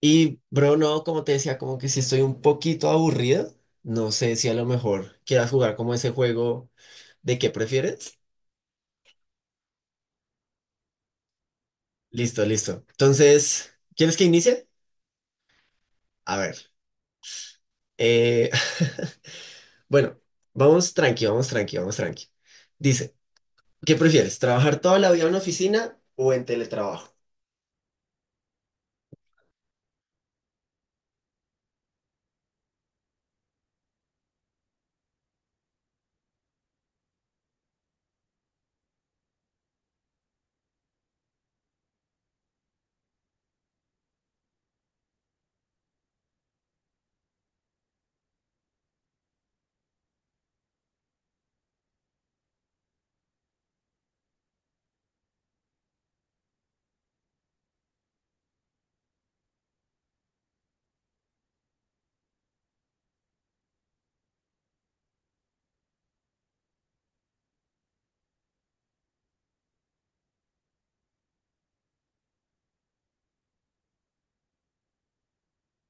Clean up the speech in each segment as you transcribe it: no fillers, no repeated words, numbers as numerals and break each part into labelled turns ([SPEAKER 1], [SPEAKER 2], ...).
[SPEAKER 1] Y, bro, no, como te decía, como que si estoy un poquito aburrido, no sé si a lo mejor quieras jugar como ese juego de qué prefieres. Listo, listo. Entonces, ¿quieres que inicie? A ver. eh, bueno, vamos tranqui, vamos tranqui, vamos tranqui. Dice, ¿qué prefieres? ¿Trabajar toda la vida en una oficina o en teletrabajo?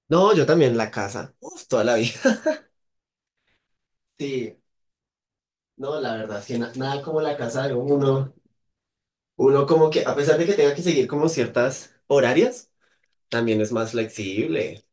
[SPEAKER 1] No, yo también en la casa. Uf, toda la vida. Sí, no, la verdad es que nada como la casa de uno. Uno como que, a pesar de que tenga que seguir como ciertas horarias, también es más flexible.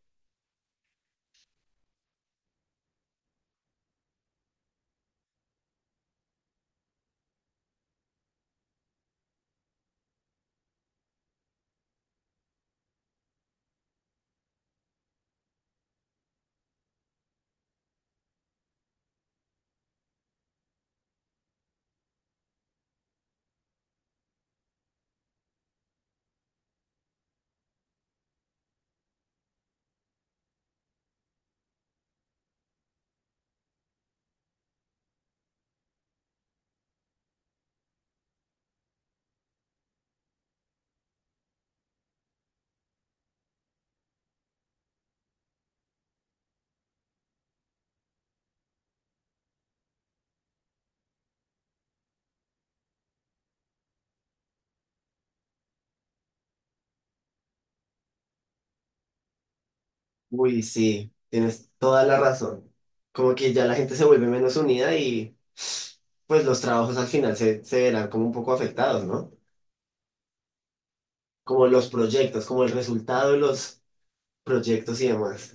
[SPEAKER 1] Uy, sí, tienes toda la razón. Como que ya la gente se vuelve menos unida y pues los trabajos al final se verán como un poco afectados, ¿no? Como los proyectos, como el resultado de los proyectos y demás.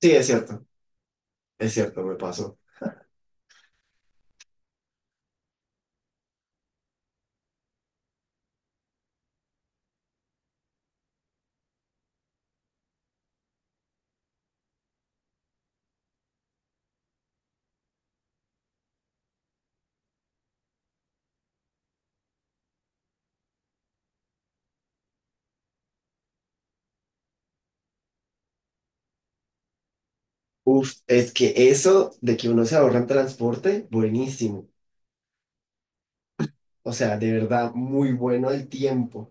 [SPEAKER 1] Sí, es cierto, me pasó. Uf, es que eso de que uno se ahorra en transporte, buenísimo. O sea, de verdad, muy bueno el tiempo.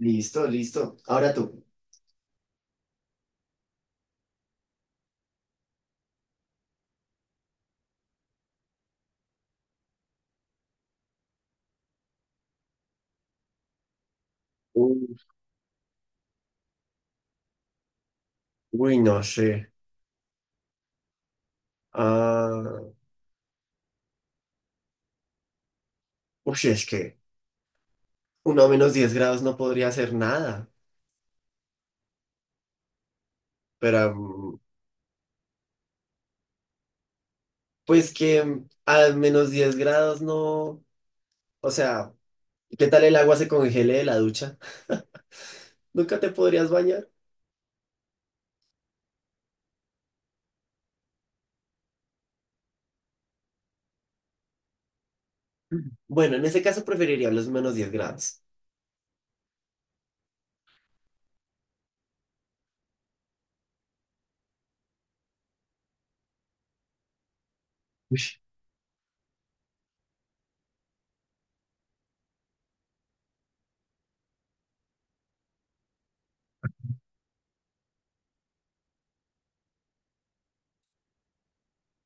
[SPEAKER 1] Listo, listo. Ahora tú. Uf. Uy, no sé. Ah, uy, es que uno a -10 grados no podría hacer nada, pero pues que a menos 10 grados no, o sea, ¿qué tal el agua se congele de la ducha? ¿Nunca te podrías bañar? Ujú. Bueno, en ese caso preferiría los -10 grados. Uy,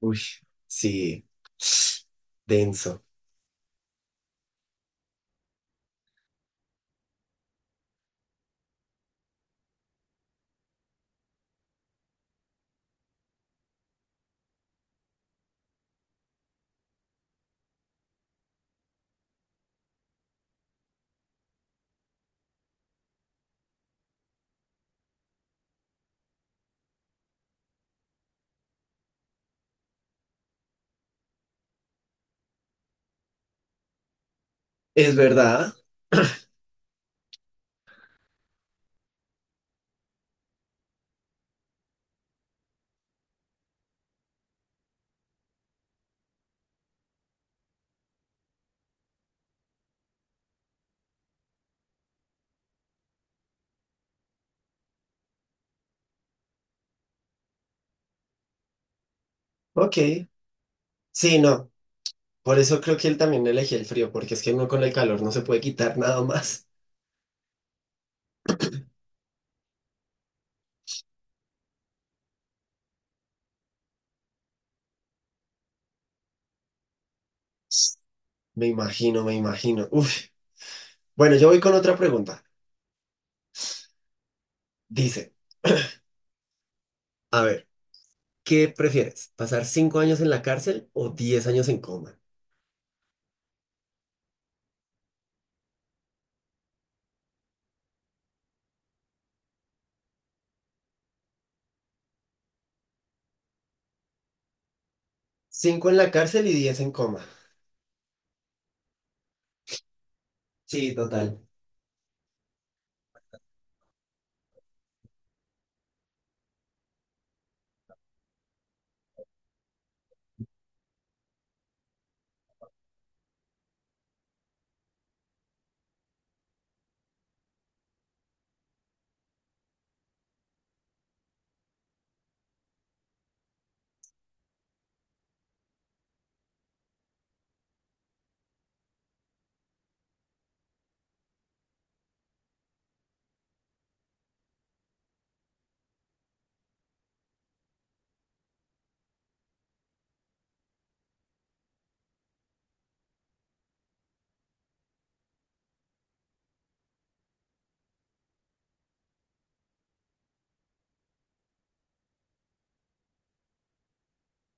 [SPEAKER 1] uy. Sí, denso. Es verdad. Ok, sí, no. Por eso creo que él también elegí el frío, porque es que uno con el calor no se puede quitar nada más. Me imagino, me imagino. Uf. Bueno, yo voy con otra pregunta. Dice, a ver. ¿Qué prefieres? ¿Pasar 5 años en la cárcel o 10 años en coma? Cinco en la cárcel y diez en coma. Sí, total.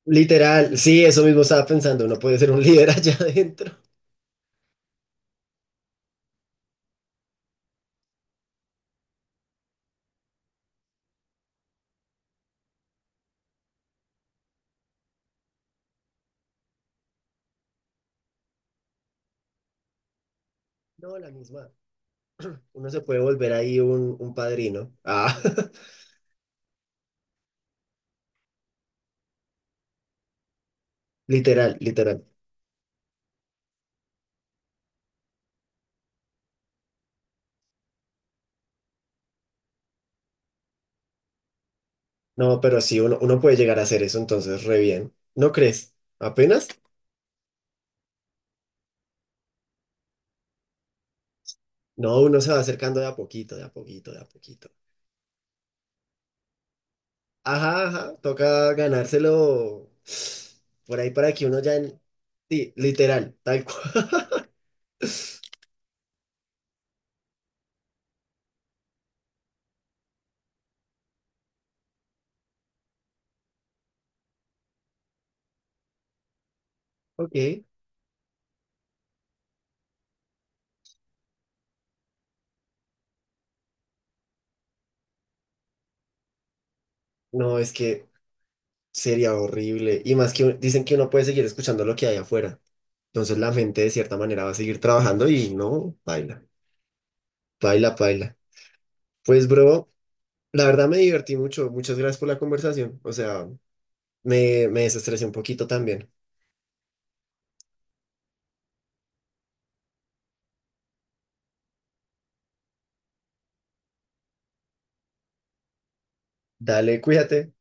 [SPEAKER 1] Literal, sí, eso mismo estaba pensando. Uno puede ser un líder allá adentro. No, la misma. Uno se puede volver ahí un padrino. Ah, literal, literal. No, pero sí, uno puede llegar a hacer eso, entonces, re bien. ¿No crees? ¿Apenas? No, uno se va acercando de a poquito, de a poquito, de a poquito. Ajá, ajá, toca ganárselo por ahí para que uno ya... en- Sí, literal, tal cual. Ok. No, es que sería horrible. Y más que un- dicen que uno puede seguir escuchando lo que hay afuera. Entonces la gente de cierta manera va a seguir trabajando y no, baila, baila, baila. Pues bro, la verdad me divertí mucho. Muchas gracias por la conversación. O sea, me desestresé un poquito también. Dale, cuídate.